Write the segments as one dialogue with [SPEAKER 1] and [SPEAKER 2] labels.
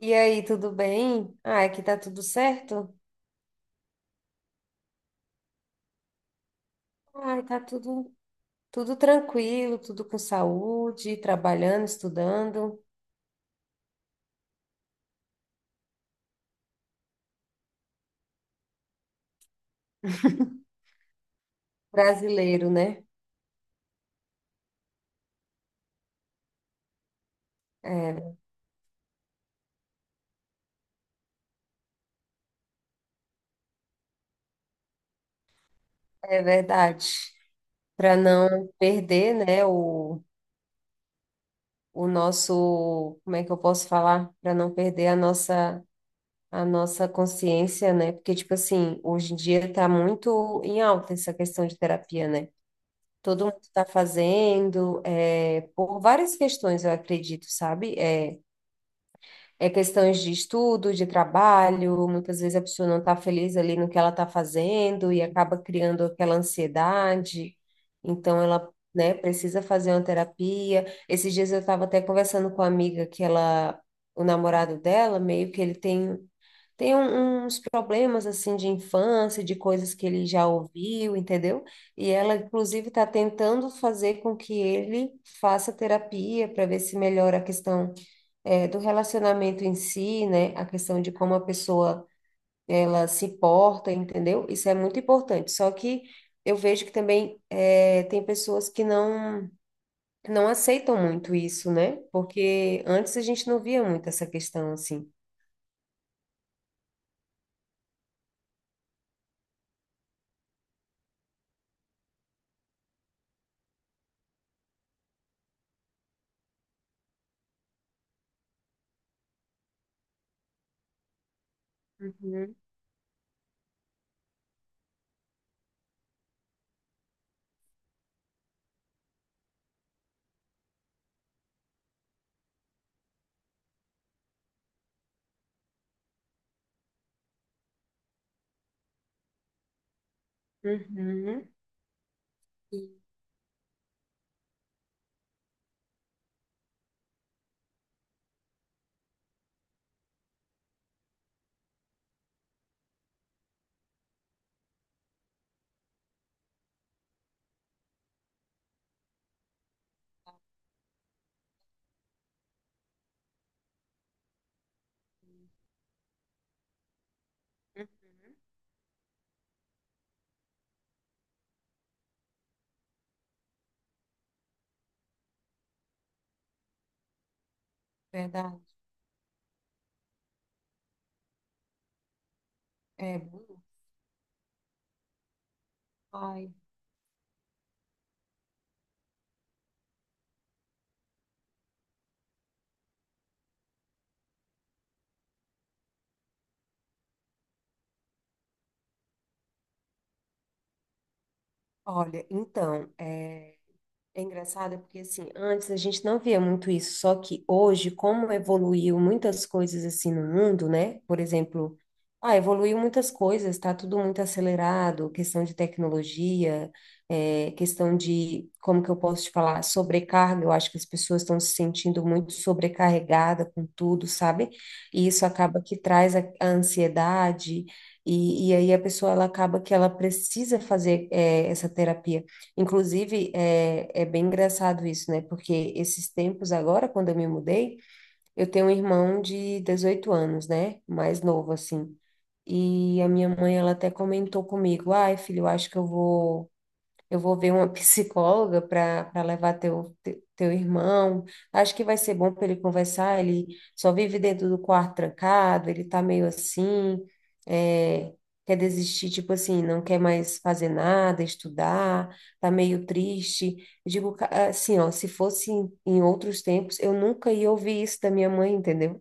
[SPEAKER 1] E aí, tudo bem? Ah, aqui tá tudo certo? Ai, tá tudo tranquilo, tudo com saúde, trabalhando, estudando. Brasileiro, né? É, é verdade. Para não perder, né, o nosso, como é que eu posso falar? Para não perder a nossa consciência, né? Porque, tipo assim, hoje em dia tá muito em alta essa questão de terapia, né? Todo mundo está fazendo, por várias questões, eu acredito, sabe? É questões de estudo, de trabalho, muitas vezes a pessoa não está feliz ali no que ela está fazendo e acaba criando aquela ansiedade, então ela, né, precisa fazer uma terapia. Esses dias eu estava até conversando com uma amiga que ela, o namorado dela, meio que ele tem. Tem um- uns problemas assim de infância, de coisas que ele já ouviu, entendeu? E ela, inclusive, está tentando fazer com que ele faça terapia para ver se melhora a questão do relacionamento em si, né? A questão de como a pessoa ela se porta, entendeu? Isso é muito importante. Só que eu vejo que também tem pessoas que não aceitam muito isso, né? Porque antes a gente não via muito essa questão assim. Uhum. Uhum. Verdade. É, bom, ai. Olha, então, é. É engraçado porque assim, antes a gente não via muito isso, só que hoje, como evoluiu muitas coisas assim no mundo, né? Por exemplo, ah, evoluiu muitas coisas, tá tudo muito acelerado, questão de tecnologia, é, questão de, como que eu posso te falar, sobrecarga, eu acho que as pessoas estão se sentindo muito sobrecarregada com tudo, sabe? E isso acaba que traz a ansiedade, e aí a pessoa ela acaba que ela precisa fazer, é, essa terapia. Inclusive, é bem engraçado isso, né? Porque esses tempos agora, quando eu me mudei, eu tenho um irmão de 18 anos, né? Mais novo, assim. E a minha mãe, ela até comentou comigo, ai, filho, eu acho que eu vou ver uma psicóloga para levar teu, te- teu irmão. Acho que vai ser bom para ele conversar. Ele só vive dentro do quarto trancado, ele tá meio assim, é, quer desistir, tipo assim, não quer mais fazer nada, estudar, tá meio triste. Eu digo, ca- assim, ó, se fosse em outros tempos, eu nunca ia ouvir isso da minha mãe, entendeu?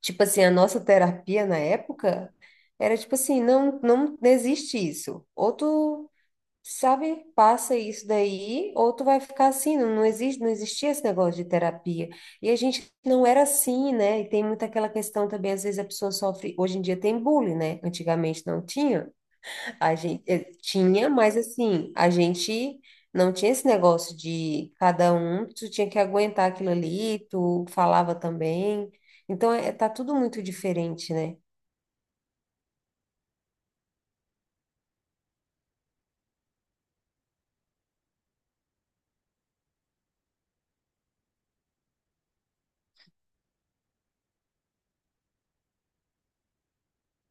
[SPEAKER 1] Tipo assim, a nossa terapia na época era tipo assim, não, não existe isso. Outro. Sabe, passa isso daí, ou tu vai ficar assim, não, não existe, não existia esse negócio de terapia. E a gente não era assim, né? E tem muita aquela questão também, às vezes a pessoa sofre, hoje em dia tem bullying, né? Antigamente não tinha. A gente tinha, mas assim, a gente não tinha esse negócio de cada um, tu tinha que aguentar aquilo ali, tu falava também. Então, é, tá tudo muito diferente, né?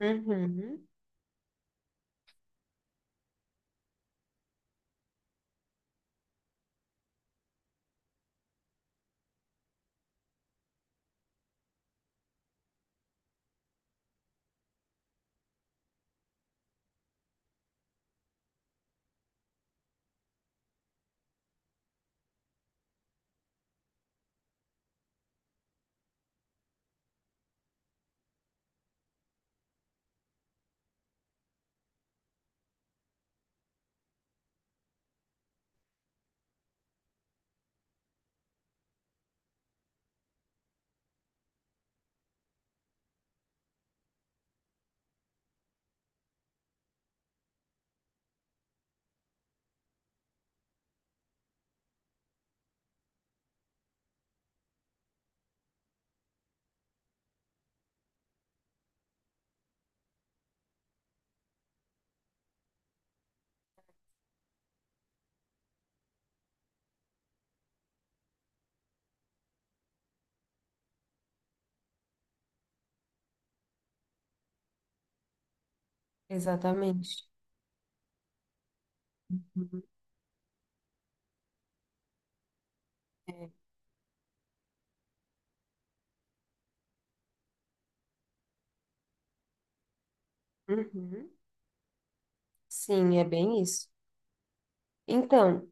[SPEAKER 1] Uhum, exatamente. Uhum, é. Uhum. Sim, é bem isso. Então,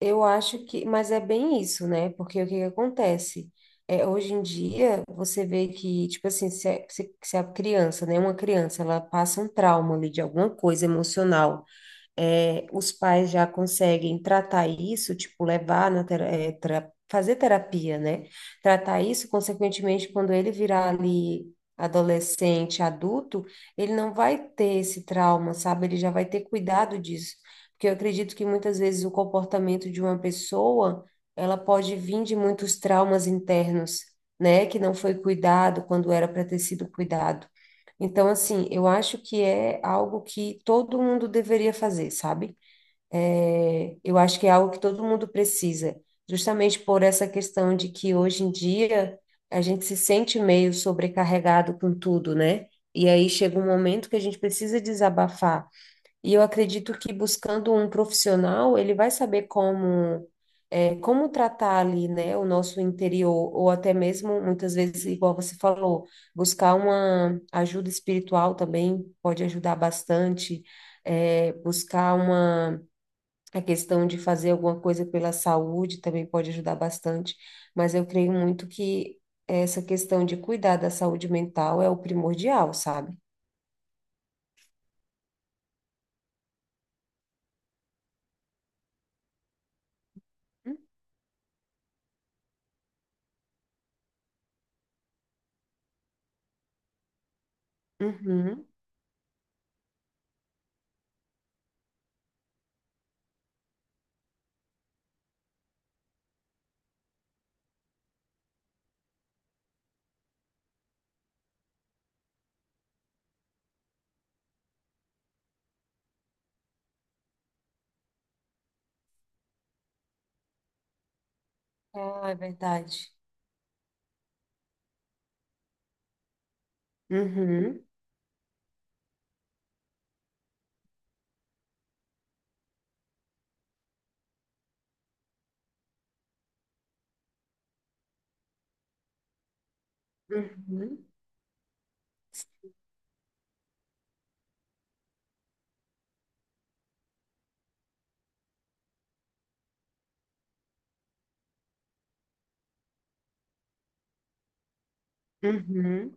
[SPEAKER 1] eu acho que, mas é bem isso, né? Porque o que que acontece? É, hoje em dia, você vê que, tipo assim, se a criança, né, uma criança, ela passa um trauma ali de alguma coisa emocional, é, os pais já conseguem tratar isso, tipo, levar na tera- fazer terapia, né? Tratar isso, consequentemente, quando ele virar ali adolescente, adulto, ele não vai ter esse trauma, sabe? Ele já vai ter cuidado disso. Porque eu acredito que muitas vezes o comportamento de uma pessoa, ela pode vir de muitos traumas internos, né? Que não foi cuidado quando era para ter sido cuidado. Então, assim, eu acho que é algo que todo mundo deveria fazer, sabe? É, eu acho que é algo que todo mundo precisa, justamente por essa questão de que hoje em dia a gente se sente meio sobrecarregado com tudo, né? E aí chega um momento que a gente precisa desabafar. E eu acredito que buscando um profissional, ele vai saber como, é, como tratar ali, né, o nosso interior, ou até mesmo, muitas vezes, igual você falou, buscar uma ajuda espiritual também pode ajudar bastante, é, buscar uma, a questão de fazer alguma coisa pela saúde também pode ajudar bastante, mas eu creio muito que essa questão de cuidar da saúde mental é o primordial, sabe? Uhum. Ah, é verdade. Uhum, uhum, uhum.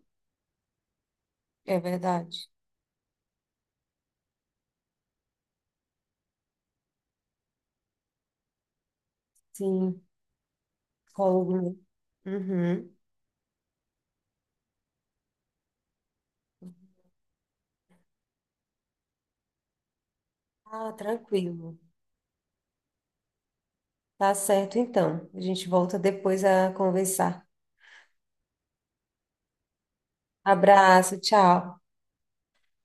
[SPEAKER 1] É verdade. Sim, psicólogo. Né? Uhum. Ah, tranquilo. Tá certo, então. A gente volta depois a conversar. Abraço, tchau.